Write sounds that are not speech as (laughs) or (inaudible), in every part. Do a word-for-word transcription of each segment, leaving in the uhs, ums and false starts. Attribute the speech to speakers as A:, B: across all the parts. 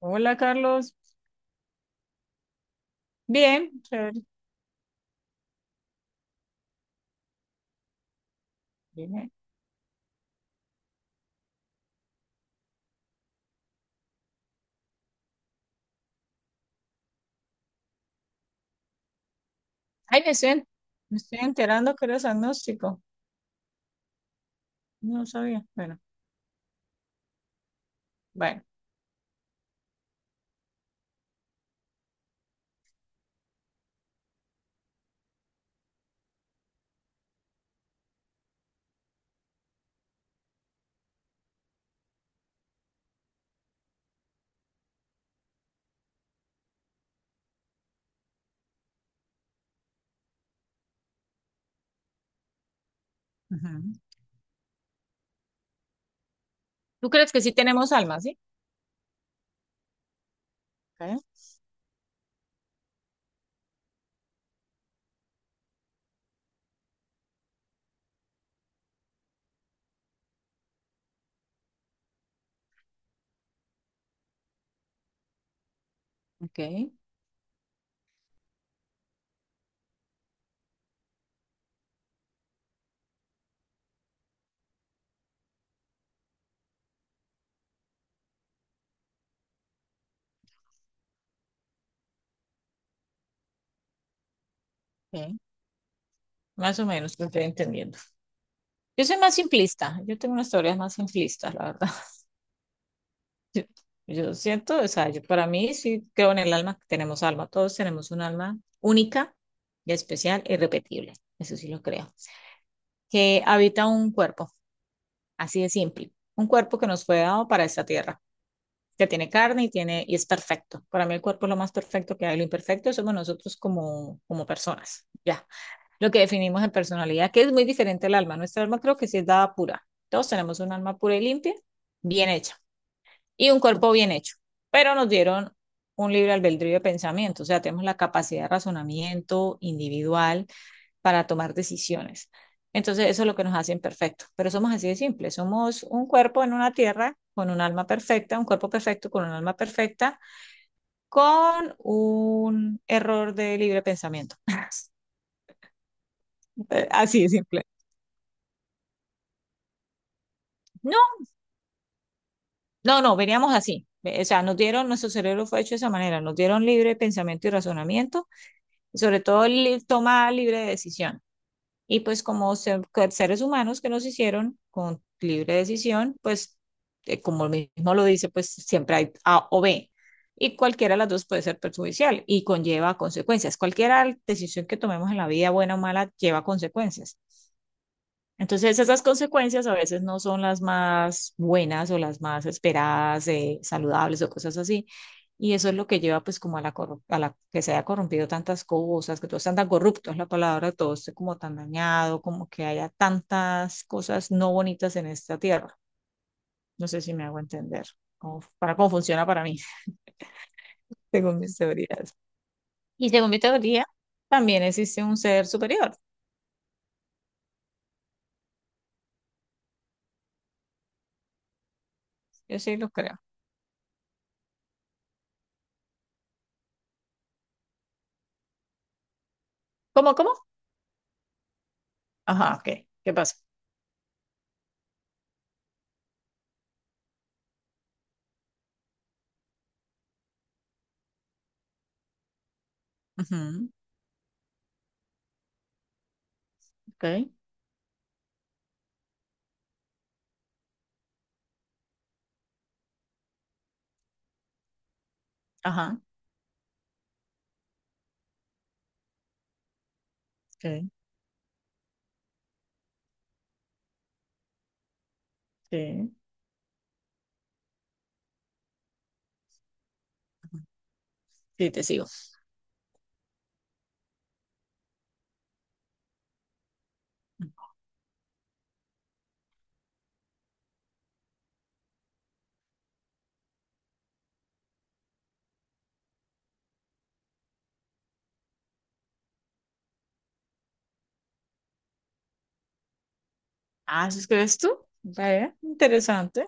A: Hola Carlos, bien, chévere, bien. Ay, me estoy, en- me estoy enterando que eres agnóstico, no sabía. Bueno, bueno. Ujú. ¿Tú crees que sí tenemos alma, sí? Ok, ok, ok. Más o menos lo estoy entendiendo. Yo soy más simplista, yo tengo unas teorías más simplistas, la verdad. (laughs) Yo, yo siento, o sea, yo para mí sí creo en el alma, que tenemos alma, todos tenemos un alma única y especial e irrepetible, eso sí lo creo, que habita un cuerpo. Así de simple. Un cuerpo que nos fue dado para esta tierra, que tiene carne y tiene y es perfecto. Para mí el cuerpo es lo más perfecto que hay. Lo imperfecto somos nosotros como, como personas. Ya. Lo que definimos en personalidad, que es muy diferente al alma. Nuestra alma creo que sí es dada pura. Todos tenemos un alma pura y limpia, bien hecha, y un cuerpo bien hecho. Pero nos dieron un libre albedrío de pensamiento, o sea, tenemos la capacidad de razonamiento individual para tomar decisiones. Entonces, eso es lo que nos hace imperfectos, pero somos así de simple, somos un cuerpo en una tierra con un alma perfecta, un cuerpo perfecto con un alma perfecta, con un error de libre pensamiento. (laughs) Así de simple. No, no, no, veníamos así. O sea, nos dieron, nuestro cerebro fue hecho de esa manera, nos dieron libre pensamiento y razonamiento, sobre todo li- toma libre decisión. Y pues como se- que seres humanos que nos hicieron con libre decisión, pues eh, como mismo lo dice, pues siempre hay A o B. Y cualquiera de las dos puede ser perjudicial y conlleva consecuencias. Cualquier decisión que tomemos en la vida, buena o mala, lleva consecuencias. Entonces, esas consecuencias a veces no son las más buenas o las más esperadas, eh, saludables o cosas así. Y eso es lo que lleva pues como a la, corru- a la que se haya corrompido tantas cosas, que todo esté tan corrupto, es la palabra, todo esté como tan dañado, como que haya tantas cosas no bonitas en esta tierra. No sé si me hago entender cómo- para cómo funciona para mí, (laughs) según mis teorías. Y según mi teoría, también existe un ser superior. Yo sí lo creo. ¿Cómo, cómo? Ajá, ok. ¿Qué pasa? Ujú, ok. Ajá, sí, sí, sí, te sigo. Ah, ¿sí crees tú? Vaya, interesante.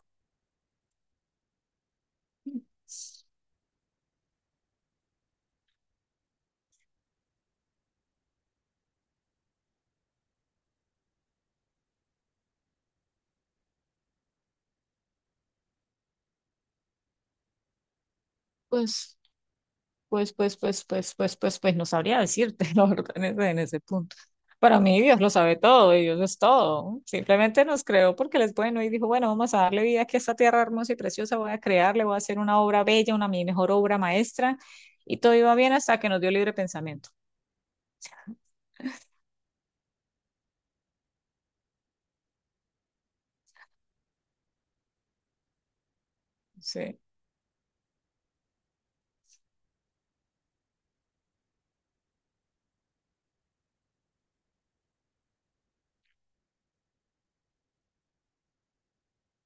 A: Pues, pues, pues, pues, pues, pues, pues, pues, no sabría decirte, (laughs) la verdad, en ese, en ese punto. Para mí, Dios lo sabe todo, y Dios es todo. Simplemente nos creó porque él es bueno y dijo, bueno, vamos a darle vida aquí a esta tierra hermosa y preciosa, voy a crearle, voy a hacer una obra bella, una mi mejor obra maestra, y todo iba bien hasta que nos dio libre pensamiento. Sí.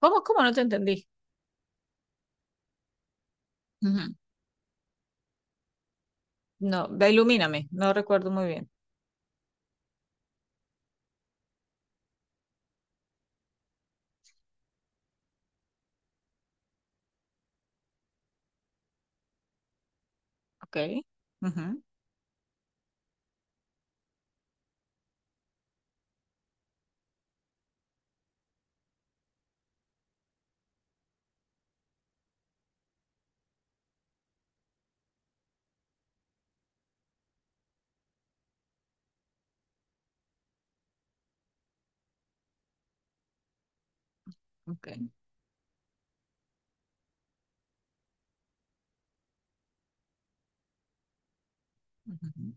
A: ¿Cómo, cómo no te entendí? Ujú. No, ve, ilumíname, no recuerdo muy bien. Ok. Ujú. Ok. Ujú.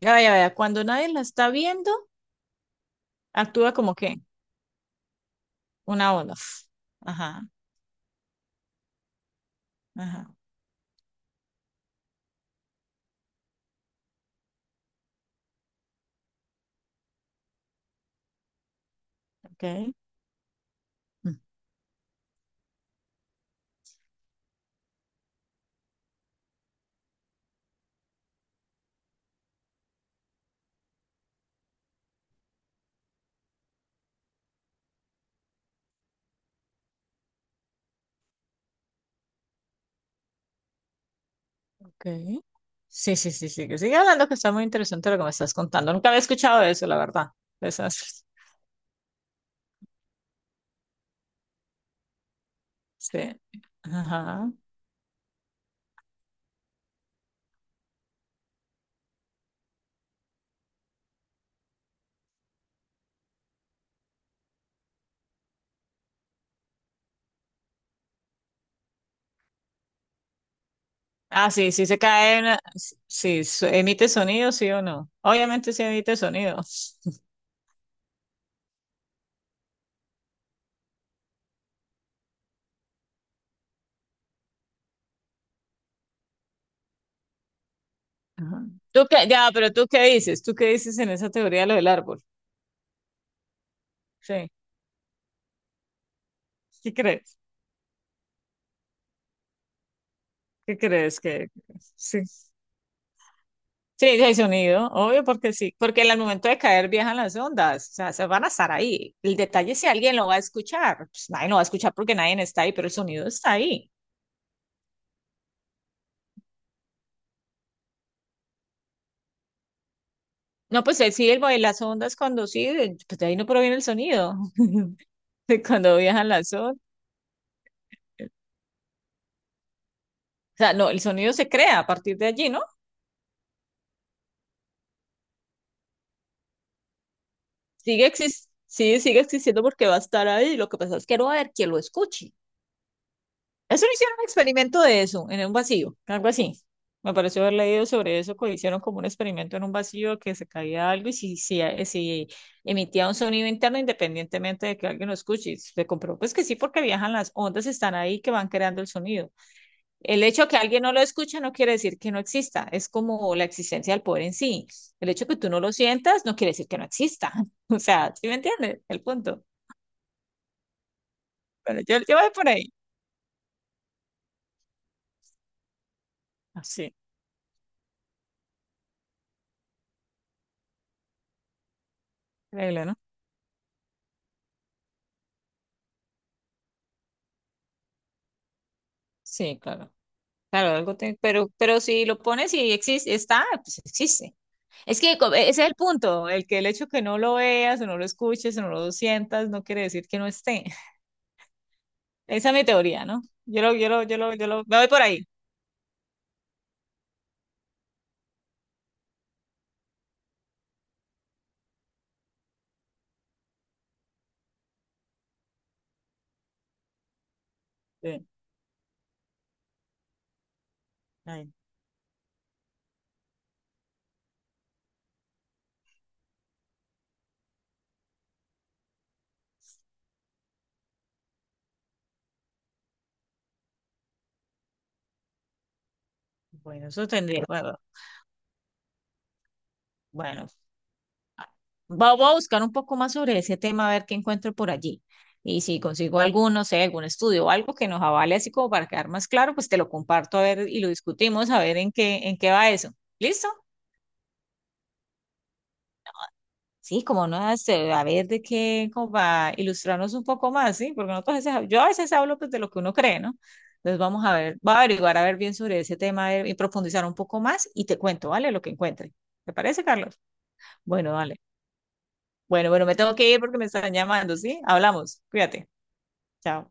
A: Ya, vaya, vaya. Cuando nadie la está viendo, actúa como que una ola. Ajá, ajá. Ok. Mm, ok. Sí, sí, sí, sí. que Sigue hablando que está muy interesante lo que me estás contando. Nunca había escuchado eso, la verdad. Esas- Sí. Ajá. Ah, sí, sí se cae una- sí, su- emite sonido, sí o no. Obviamente sí emite sonido. Ajá. ¿Tú qué? Ya, pero ¿tú qué dices? ¿Tú qué dices en esa teoría de lo del árbol? Sí. ¿Qué crees? ¿Qué crees que sí? Sí, sí hay sonido, obvio, porque sí, porque en el momento de caer viajan las ondas, o sea, se van a estar ahí. El detalle es si alguien lo va a escuchar, pues nadie lo va a escuchar porque nadie está ahí, pero el sonido está ahí. No, pues eh, sí, el, de las ondas cuando sí, de- pues de ahí no proviene el sonido, (laughs) de cuando viajan las ondas. O sea, no, el sonido se crea a partir de allí, ¿no? Sigue exis- sí, sigue existiendo porque va a estar ahí, lo que pasa es que no va a haber quien lo escuche. Eso no hicieron un experimento de eso, en un vacío, algo así. Me pareció haber leído sobre eso, que hicieron como un experimento en un vacío que se caía algo y si, si, eh, si emitía un sonido interno independientemente de que alguien lo escuche. Y se comprobó pues que sí, porque viajan las ondas, están ahí que van creando el sonido. El hecho de que alguien no lo escuche no quiere decir que no exista, es como la existencia del poder en sí. El hecho de que tú no lo sientas no quiere decir que no exista. (laughs) O sea, ¿sí me entiendes? El punto. Pero yo, yo voy por ahí. Así, increíble, ¿no? Sí, claro. Claro, algo te- pero, pero si lo pones y existe, está, pues existe. Es que co- ese es el punto, el que el hecho que no lo veas o no lo escuches o no lo sientas no quiere decir que no esté. (laughs) Esa es mi teoría, ¿no? Yo lo, yo lo, yo lo, yo lo, me voy por ahí. Sí. Ay, bueno, eso tendría, bueno, bueno. Ah, va- voy a buscar un poco más sobre ese tema, a ver qué encuentro por allí. Y si consigo algún, no sé, algún estudio o algo que nos avale así como para quedar más claro, pues te lo comparto a ver y lo discutimos a ver en qué, en qué va eso. ¿Listo? Sí, como no, hace- a ver de qué, como para ilustrarnos un poco más, ¿sí? Porque nosotros a veces- yo a veces hablo pues, de lo que uno cree, ¿no? Entonces vamos a ver, va a averiguar a ver bien sobre ese tema a ver, y profundizar un poco más y te cuento, ¿vale? Lo que encuentre. ¿Te parece, Carlos? Bueno, vale. Bueno, bueno, me tengo que ir porque me están llamando, ¿sí? Hablamos. Cuídate. Chao.